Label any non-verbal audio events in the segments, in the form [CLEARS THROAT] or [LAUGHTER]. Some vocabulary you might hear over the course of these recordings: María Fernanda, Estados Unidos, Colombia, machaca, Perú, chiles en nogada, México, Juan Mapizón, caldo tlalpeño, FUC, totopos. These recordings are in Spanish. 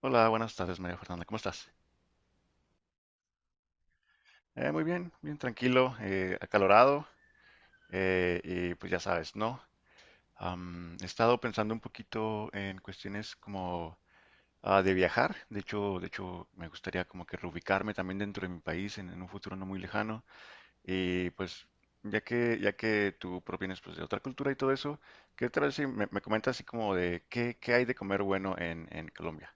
Hola, buenas tardes, María Fernanda. ¿Cómo estás? Muy bien, bien tranquilo, acalorado, y pues ya sabes, ¿no? He estado pensando un poquito en cuestiones como de viajar. De hecho, me gustaría como que reubicarme también dentro de mi país en un futuro no muy lejano. Y pues, ya que tú provienes pues, de otra cultura y todo eso, ¿qué tal si me comentas así como de qué hay de comer bueno en Colombia?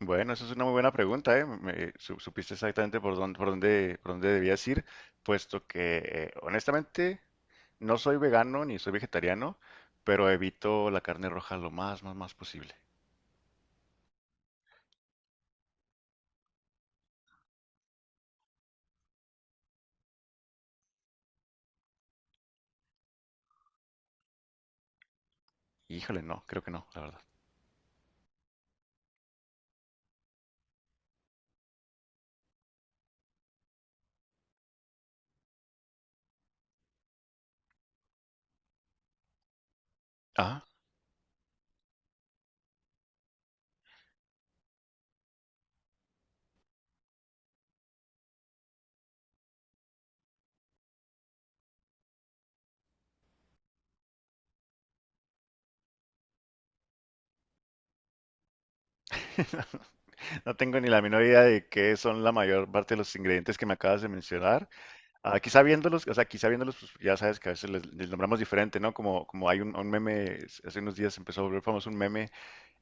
Bueno, eso es una muy buena pregunta, ¿eh? Supiste exactamente por dónde debías ir, puesto que honestamente no soy vegano ni soy vegetariano, pero evito la carne roja lo más, más, más posible. Híjole, no, creo que no, la verdad. Ah, [LAUGHS] no tengo ni la menor idea de qué son la mayor parte de los ingredientes que me acabas de mencionar. Ah, quizá viéndolos, o sea, quizá viéndolos, pues, ya sabes que a veces les nombramos diferente, ¿no? Como hay un meme, hace unos días empezó a volver famoso un meme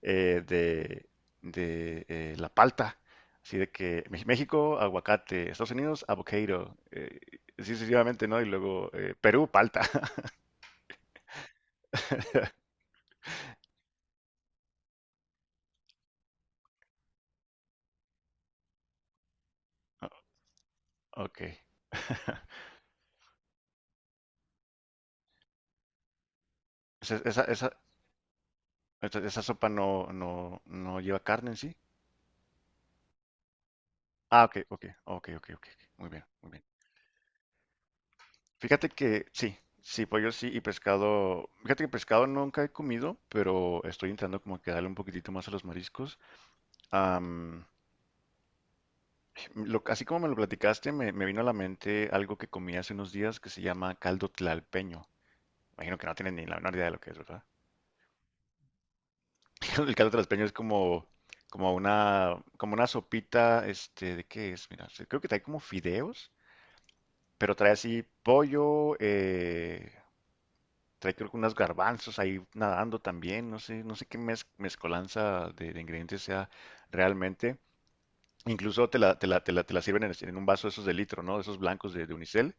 eh, de, de la palta. Así de que México, aguacate, Estados Unidos, avocado, así sucesivamente, ¿no? Y luego Perú, palta. [LAUGHS] Ok. [LAUGHS] Esa, esa, esa, esa sopa no lleva carne en sí. Ah, ok, ok, ok, ok, ok. Ok. Muy bien, muy bien. Fíjate que sí, sí, pollo sí y pescado. Fíjate que pescado nunca he comido, pero estoy entrando como que a darle un poquitito más a los mariscos. Así como me lo platicaste, me vino a la mente algo que comí hace unos días que se llama caldo tlalpeño. Imagino que no tienen ni la menor idea de lo que es, ¿verdad? [LAUGHS] El caldo tlalpeño es como una sopita, ¿de qué es? Mira, creo que trae como fideos, pero trae así pollo, trae creo que unos garbanzos ahí nadando también, no sé qué mezcolanza de ingredientes sea realmente. Incluso te la sirven en un vaso esos de litro, ¿no? Esos blancos de unicel.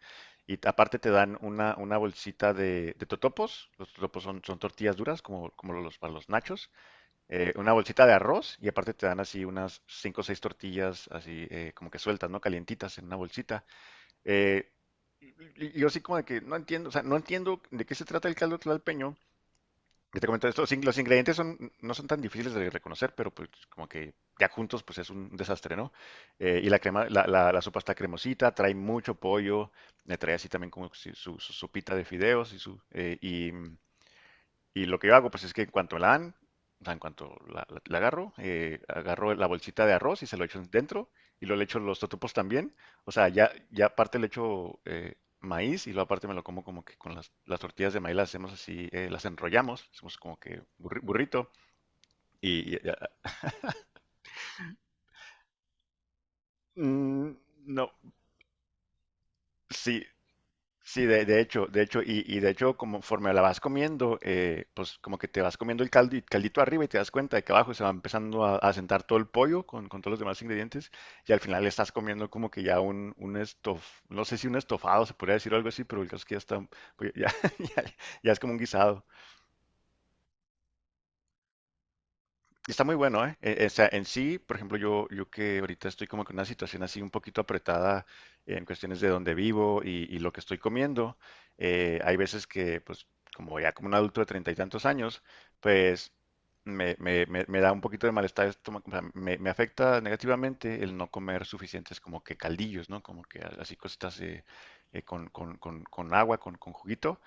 Y aparte te dan una bolsita de totopos. Los totopos son tortillas duras, como los para los nachos. Una bolsita de arroz y aparte te dan así unas cinco o seis tortillas, así como que sueltas, ¿no? Calientitas en una bolsita. Eh, y, yo así como de que no entiendo, o sea, no entiendo de qué se trata el caldo tlalpeño, ya te comenté esto, los ingredientes son, no son tan difíciles de reconocer, pero pues como que ya juntos pues es un desastre, ¿no? Y la crema, la sopa está cremosita, trae mucho pollo, le trae así también como si su sopita de fideos y su y lo que yo hago, pues es que en cuanto la dan, o sea, en cuanto la agarro, agarro la bolsita de arroz y se lo echo dentro y lo le echo los totopos también. O sea, ya, aparte le echo maíz y luego aparte me lo como como que con las tortillas de maíz las hacemos así, las enrollamos, hacemos como que burrito y, y- y- mm, no, sí, Sí, de hecho, y de hecho, conforme la vas comiendo, pues como que te vas comiendo el caldo, el caldito arriba y te das cuenta de que abajo se va empezando a sentar todo el pollo con todos los demás ingredientes y al final estás comiendo como que ya un no sé si un estofado se podría decir o algo así, pero el caso es que ya está, pues, ya, [LAUGHS] ya- ya es como un guisado. Está muy bueno, ¿eh? O sea, en sí, por ejemplo, yo que ahorita estoy como con una situación así un poquito apretada en cuestiones de dónde vivo y lo que estoy comiendo, hay veces que, pues, como ya como un adulto de treinta y tantos años, pues me da un poquito de malestar, estomacal, o sea, me afecta negativamente el no comer suficientes como que caldillos, ¿no? Como que así cositas con agua, con juguito,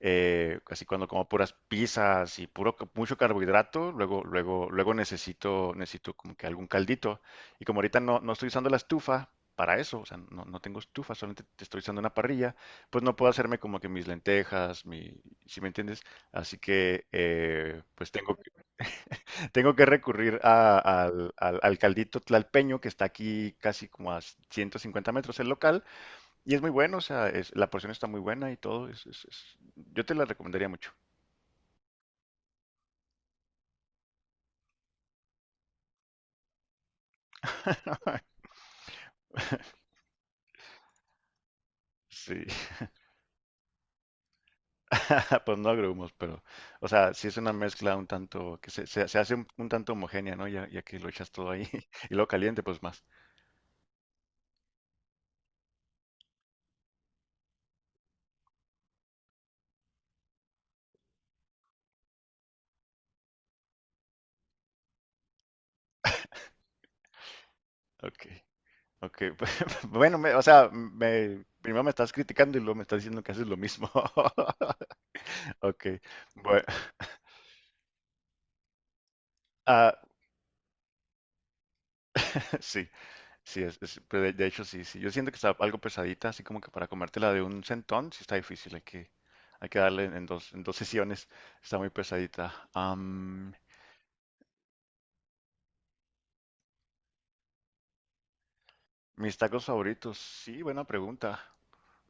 así cuando como puras pizzas y puro mucho carbohidrato, luego luego luego necesito como que algún caldito y como ahorita no estoy usando la estufa para eso, o sea, no tengo estufa, solamente te estoy usando una parrilla, pues no puedo hacerme como que mis lentejas, mi, ¿si me entiendes? Así que pues tengo que, [LAUGHS] tengo que recurrir al caldito tlalpeño que está aquí casi como a 150 metros el local y es muy bueno, o sea, la porción está muy buena y todo, yo te la recomendaría mucho. Sí, [LAUGHS] pues no agrumos, pero, o sea, sí es una mezcla un tanto, que se hace un tanto homogénea, ¿no? Ya, ya que lo echas todo ahí [LAUGHS] y lo caliente, pues más. Ok, ok. [LAUGHS] Bueno, o sea, primero me estás criticando y luego me estás diciendo que haces lo mismo. [LAUGHS] Ok, bueno. Ah, [LAUGHS] sí, sí, pero de hecho sí, sí. Yo siento que está algo pesadita, así como que para comértela de un centón, sí está difícil, hay que darle en dos sesiones, está muy pesadita. Mis tacos favoritos, sí, buena pregunta.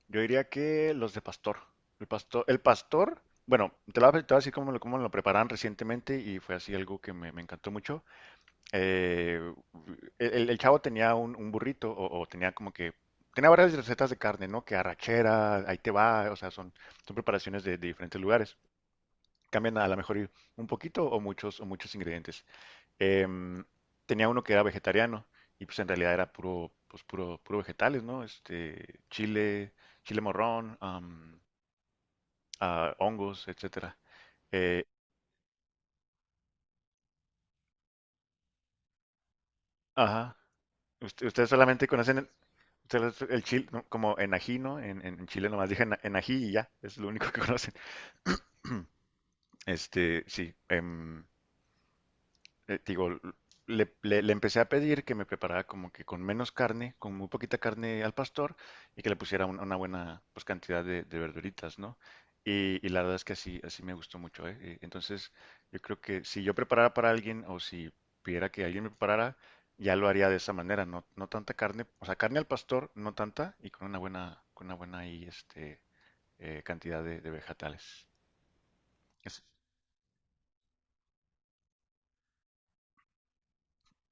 Yo diría que los de pastor. El pastor, bueno, te lo voy a te voy a decir cómo lo preparan recientemente y fue así algo que me encantó mucho. Eh, el chavo tenía un burrito o tenía varias recetas de carne, ¿no? Que arrachera, ahí te va, o sea, son preparaciones de diferentes lugares. Cambian a lo mejor un poquito o muchos ingredientes. Em, Tenía uno que era vegetariano y pues en realidad era puro vegetales, ¿no? Chile morrón, hongos, etcétera. Eh, ajá. Ustedes solamente conocen el chile, ¿no? Como enají, ¿no? En Chile nomás dije enají y ya, es lo único que [LAUGHS] conocen. [CLEARS THROAT] Sí. Digo, le empecé a pedir que me preparara como que con menos carne, con muy poquita carne al pastor y que le pusiera una buena pues, cantidad de verduritas, ¿no? Y la verdad es que así me gustó mucho, ¿eh? Entonces, yo creo que si yo preparara para alguien o si pidiera que alguien me preparara, ya lo haría de esa manera, no tanta carne, o sea, carne al pastor, no tanta y con una buena ahí, cantidad de vegetales. Es-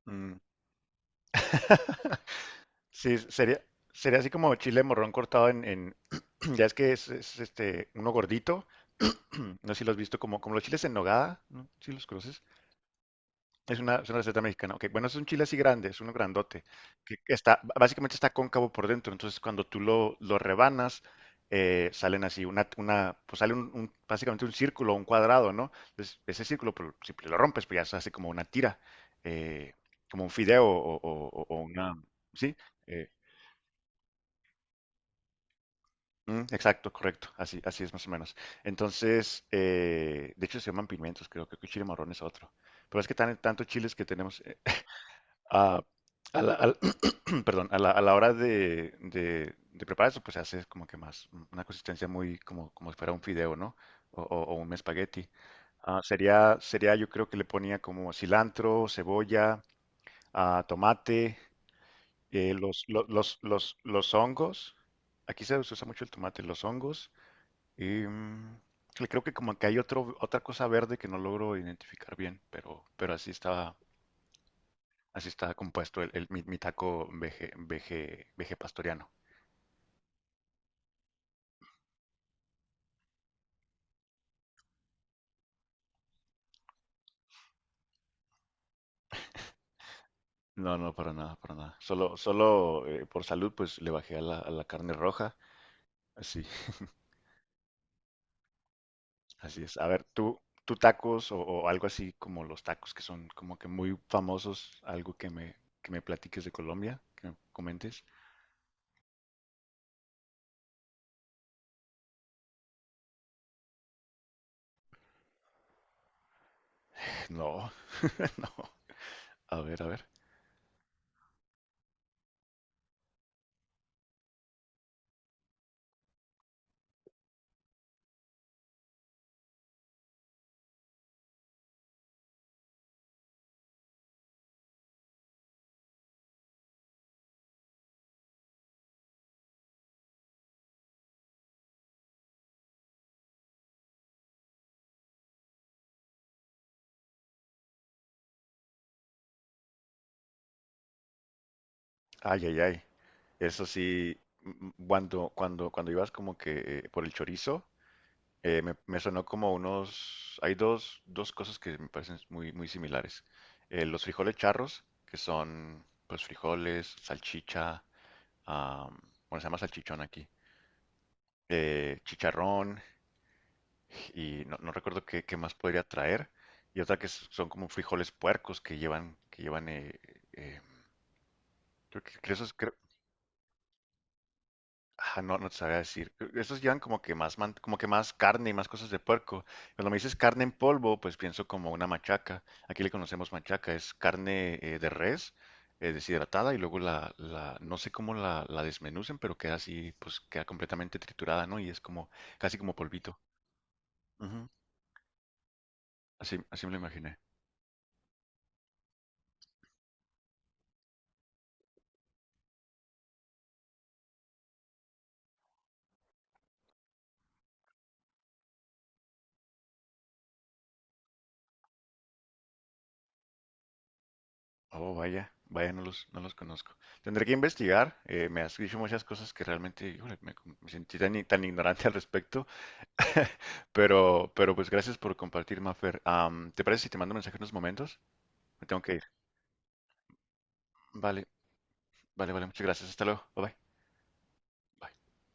Mm. [LAUGHS] Sí, sería así como chile morrón cortado en [CLEARS THROAT] ya es que este uno gordito. [CLEARS THROAT] No sé si lo has visto como los chiles en nogada, ¿no? Si los conoces. Es una receta mexicana. Ok, bueno, es un chile así grande, es uno grandote, que básicamente está cóncavo por dentro. Entonces, cuando tú lo rebanas, salen así, una básicamente un círculo, un cuadrado, ¿no? Entonces, ese círculo, pues, si lo rompes, pues ya se hace como una tira, eh, como un fideo o una, ¿sí? Eh, exacto, correcto. Así es más o menos. Entonces, de hecho se llaman pimientos, creo que chile marrón es otro. Pero es que tantos chiles que tenemos a, a la, al- [CLEARS THROAT] perdón, a la hora de preparar eso, pues se hace como que más una consistencia muy como si fuera un fideo, ¿no? O un espagueti. Ah, sería, yo creo que le ponía como cilantro, cebolla, tomate, los hongos. Aquí se usa mucho el tomate, los hongos. Em, y creo que como que hay otra cosa verde que no logro identificar bien, pero así está compuesto mi taco vegepatoriano. No, no, para nada, para nada. Solo por salud, pues le bajé a la carne roja. Así, [LAUGHS] así es. A ver, tú tacos o algo así como los tacos que son como que muy famosos, algo que que me platiques de Colombia, que me comentes. No, [LAUGHS] no. A ver, a ver. Ay, ay, ay. Eso sí, cuando ibas como que por el chorizo, me sonó como unos. Hay dos cosas que me parecen muy, muy similares. Los frijoles charros, que son pues frijoles, salchicha, am, bueno, se llama salchichón aquí, chicharrón, y no recuerdo qué más podría traer. Y otra que son como frijoles puercos que llevan, eh, creo que esos, Ah, no, no te sabría decir. Creo, estos llevan como que más, como que más carne y más cosas de puerco. Cuando me dices carne en polvo, pues pienso como una machaca. Aquí le conocemos machaca, es carne de res deshidratada y luego no sé cómo la desmenucen, pero queda así, pues queda completamente triturada, ¿no? Y es como, casi como polvito. Ujú, así me lo imaginé. Oh, vaya, vaya, no los conozco. Tendré que investigar. Me, has dicho muchas cosas que realmente, híjole, me sentí tan, tan ignorante al respecto. Pero pues gracias por compartir, Mafer. ¿Te parece si te mando un mensaje en unos momentos? Me tengo que ir. Vale, vale, vale. Muchas gracias. Hasta luego. Bye bye. Bye.